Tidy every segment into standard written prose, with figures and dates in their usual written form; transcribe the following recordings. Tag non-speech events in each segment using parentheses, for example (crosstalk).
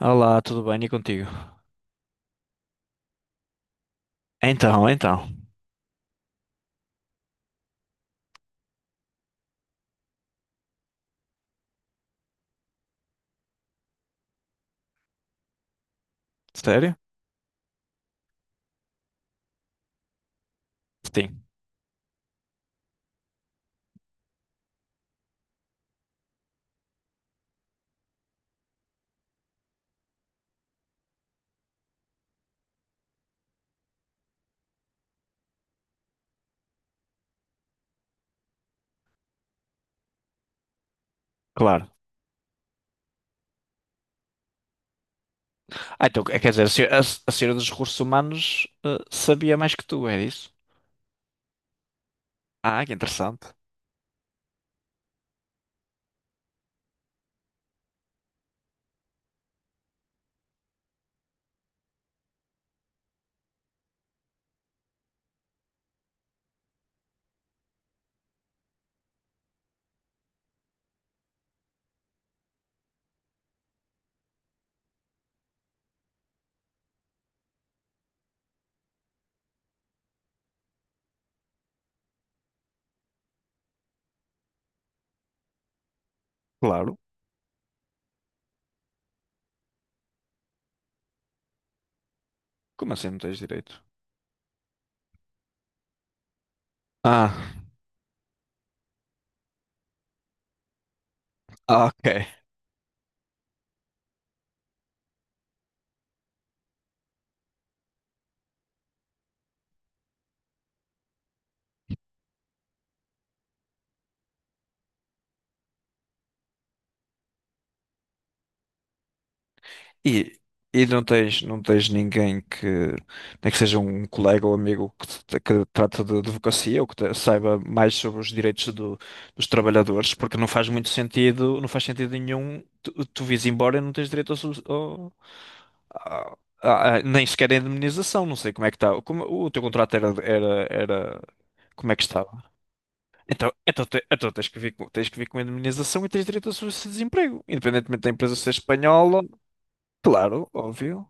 Olá, tudo bem? E contigo? Então, então. Sério? Sim, claro. Ah, então, quer dizer, a se- a senhora dos recursos humanos sabia mais que tu, é isso? Ah, que interessante. Claro. Como assim não tens direito? Ah, ah, ok. E, e não tens ninguém nem que seja um colega ou amigo que trata de advocacia ou que saiba mais sobre os direitos dos trabalhadores, porque não faz muito sentido, não faz sentido nenhum tu vires embora e não tens direito ao, sus- ao- à- à- à- nem sequer a indemnização, não sei como é que está. Como, o teu contrato era, como é que estava? Então, tens que vir com a indemnização e tens direito a subsídio de desemprego, independentemente da empresa ser espanhola. Claro, óbvio.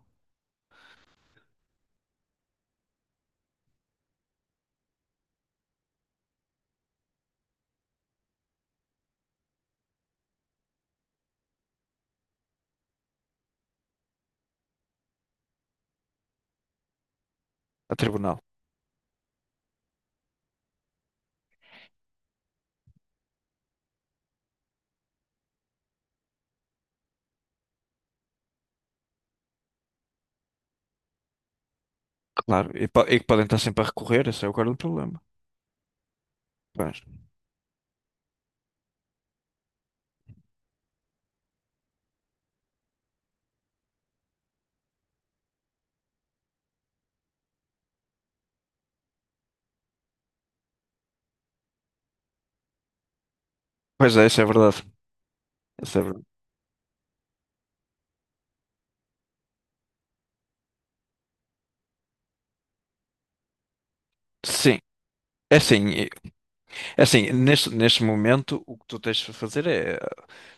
A tribunal, claro. E que podem estar sempre a recorrer, esse é o caro do problema. Pois. Pois é, isso é verdade. Isso é verdade. Sim. É assim, e- é assim, neste momento o que tu tens de fazer é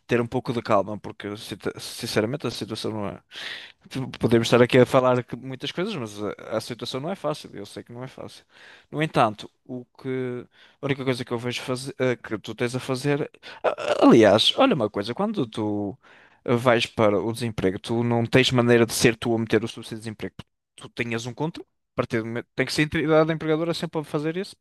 ter um pouco de calma, porque sinceramente a situação... Podemos estar aqui a falar muitas coisas, mas a situação não é fácil. Eu sei que não é fácil. No entanto, a única coisa que eu vejo fazer, que tu tens a fazer. a- Aliás, olha uma coisa: quando tu vais para o desemprego, tu não tens maneira de ser tu a meter o subsídio de desemprego. Tu tenhas um contrato. A partir do momento- Tem que ser a entidade empregadora sempre a fazer isso.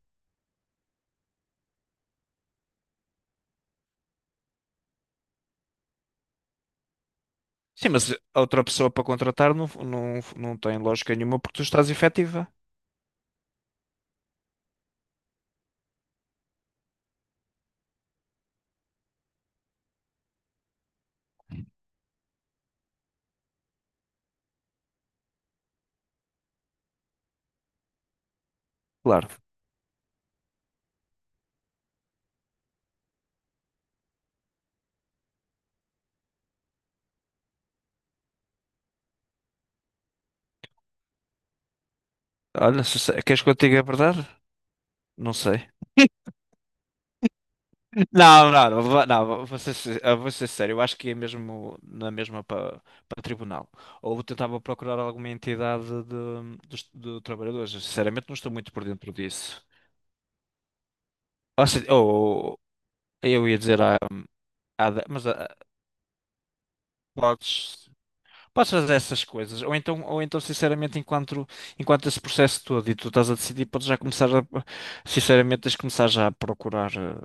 Sim, mas a outra pessoa para contratar não tem lógica nenhuma porque tu estás efetiva. Claro. Olha, queres que eu te diga a verdade? Não sei. Não, não, não, não, eu vou ser sério, eu acho que é mesmo na mesma para tribunal. Ou tentava procurar alguma entidade de, dos de trabalhadores. Sinceramente, não estou muito por dentro disso. Ou, se- ou- eu ia dizer, ah, mas ah, podes. Podes fazer essas coisas, ou então sinceramente, enquanto esse processo todo e tu estás a decidir, podes já começar sinceramente, tens de começar já a procurar eh,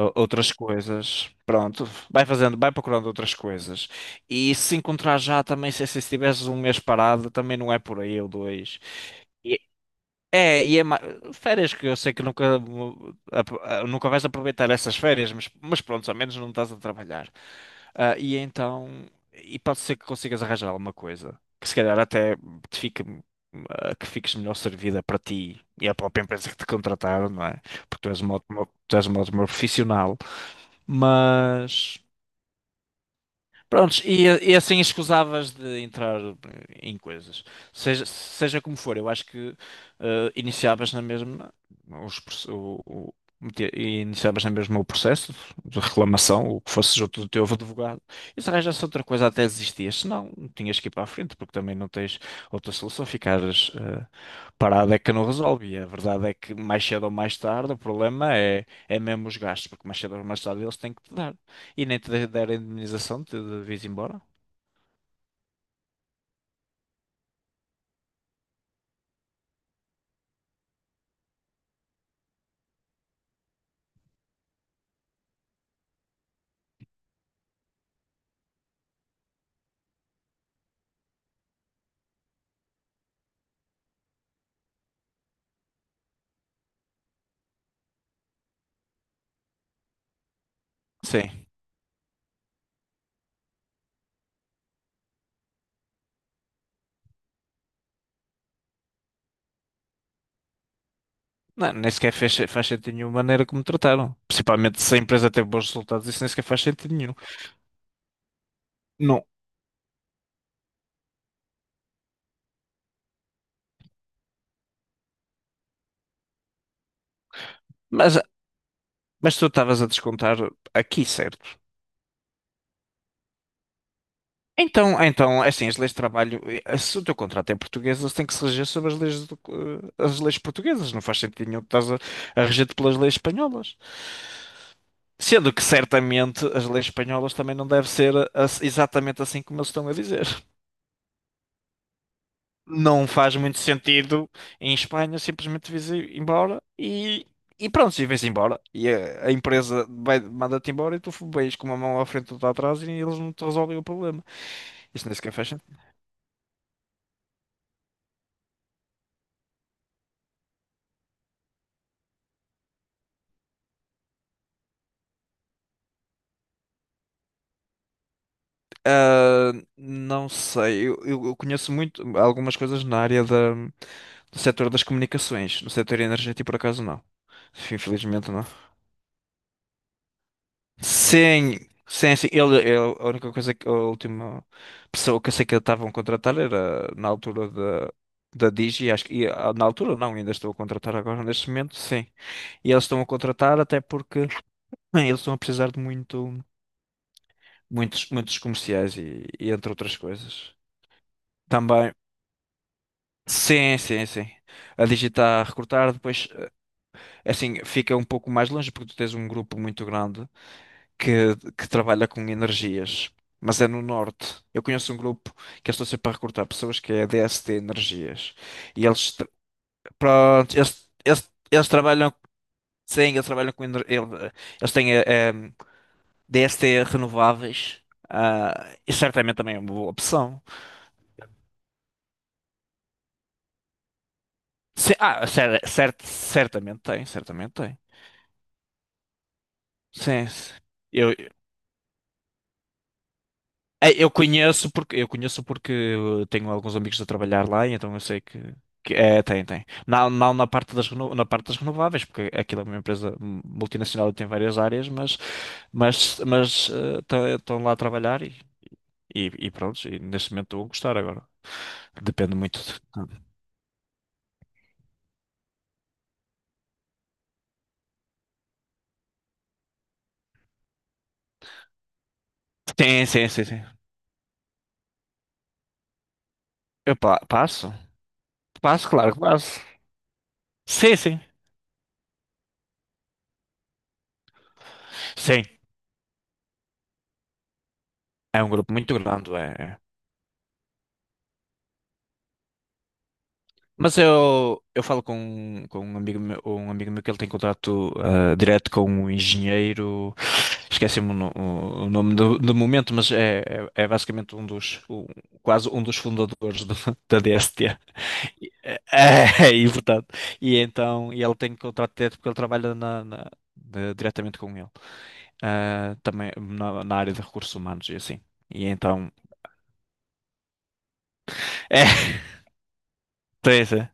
o- outras coisas. Pronto, vai fazendo, vai procurando outras coisas. E se encontrar já também, se estiveres um mês parado, também não é por aí ou dois. É, e férias que eu sei que nunca vais aproveitar essas férias, mas pronto, ao menos não estás a trabalhar. Ah, e então, e pode ser que consigas arranjar alguma coisa, que se calhar até te fique, ah, que fiques melhor servida para ti e a própria empresa que te contrataram, não é? Porque tu és uma ótima profissional, mas. Prontos, e assim escusavas de entrar em coisas. Seja como for, eu acho que iniciavas na mesma os, proce- o- metia- e iniciavas na mesma o processo de reclamação, o que fosse junto do teu advogado, e se arranjasse outra coisa até desistias, senão tinhas que ir para a frente, porque também não tens outra solução, ficares parado é que não resolve. E a verdade é que mais cedo ou mais tarde o problema é mesmo os gastos, porque mais cedo ou mais tarde eles têm que te dar. E nem te der a indemnização, te devias ir embora. Sim. Não, nem sequer faz sentido nenhuma maneira como trataram. Principalmente se a empresa teve bons resultados, isso nem sequer faz sentido nenhum. Não. Mas mas tu estavas a descontar aqui, certo? Então, é assim, as leis de trabalho, se o teu contrato é português, eles têm que se reger sobre as leis, as leis portuguesas. Não faz sentido nenhum que estás a reger-te pelas leis espanholas. Sendo que certamente as leis espanholas também não devem ser exatamente assim como eles estão a dizer. Não faz muito sentido em Espanha simplesmente vires embora e, pronto, e vais embora. E a empresa manda-te embora e tu vais com uma mão à frente e outra atrás e eles não te resolvem o problema. Isso nem sequer faz sentido. Ah, não sei, eu conheço muito algumas coisas na área do setor das comunicações, no setor energético por acaso não. Infelizmente não. Sim, sim, sim. A única coisa que a última pessoa que eu sei que estavam a contratar era na altura da Digi, acho que na altura não, ainda estou a contratar agora neste momento, sim. E eles estão a contratar até porque (clears throat) bem, eles estão a precisar de muitos, muitos comerciais e entre outras coisas. Também, sim, sim, sim. A Digi está a recrutar, depois assim fica um pouco mais longe porque tu tens um grupo muito grande, que trabalha com energias, mas é no norte. Eu conheço um grupo que eu estou sempre a recrutar pessoas que é DST Energias. E eles, pronto, eles trabalham, sim, eles trabalham com eles têm DST renováveis. Ah, e certamente também é uma boa opção. Sim, ah, certamente tem, certamente tem. Sim, sim. É, eu conheço porque tenho alguns amigos a trabalhar lá, e então eu sei que, é, tem, tem. Não, não na parte na parte das renováveis, porque aquilo é uma empresa multinacional e tem várias áreas, mas mas tá, estão lá a trabalhar e pronto, e neste momento estou a gostar agora. Depende muito de. Sim, sim, sim, sim, Eu passo. Passo, claro que passo. Sim, sim. Sim, é um grupo muito grande, é. É. Mas eu falo com um amigo meu que ele tem contato direto com um engenheiro, esqueci-me o, no- o nome do momento, mas é basicamente quase um dos fundadores (laughs) da DST. É, e, portanto, e então, e ele tem contrato direto porque ele trabalha na, diretamente com ele. Ah, também na, área de recursos humanos e assim. E então, é, (laughs) tem.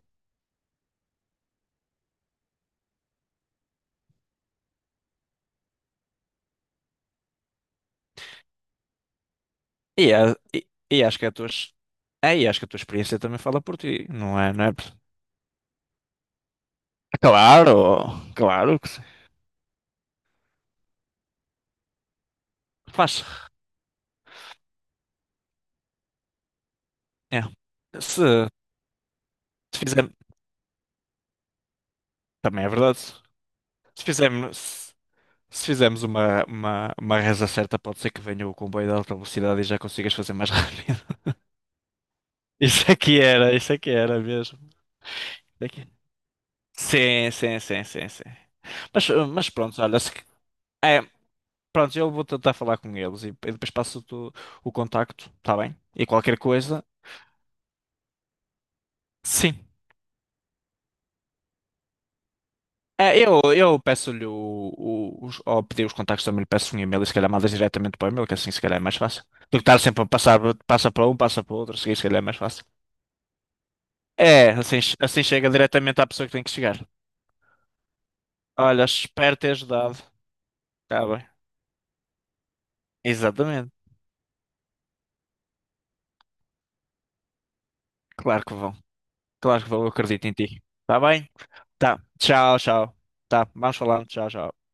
E acho que a tua experiência também fala por ti, não é? Não é? Claro, claro que sim. Faz. É. Se, se fizermos, também é verdade. Se fizermos, se, se fizermos uma reza certa, pode ser que venha o comboio de alta velocidade e já consigas fazer mais (laughs) rápido. Isso aqui era mesmo. Isso aqui- Sim, sim, sim, sim, sim. Mas, mas, pronto, olha, se, pronto, eu vou tentar falar com eles e depois passo-te o contacto, está bem? E qualquer coisa, sim. É, eu peço-lhe ao pedir os contactos também lhe peço um e-mail e se calhar mandas diretamente para o e-mail, que assim se calhar é mais fácil. Do que estar sempre a passar, passa para um, passa para o outro, assim se calhar é mais fácil. É, assim chega diretamente à pessoa que tem que chegar. Olha, espero ter ajudado. Está bem. Exatamente. Claro que vão. Claro que vão, eu acredito em ti. Está bem? Tá. Tchau, tchau. Tá, vamos falando. Tchau, tchau.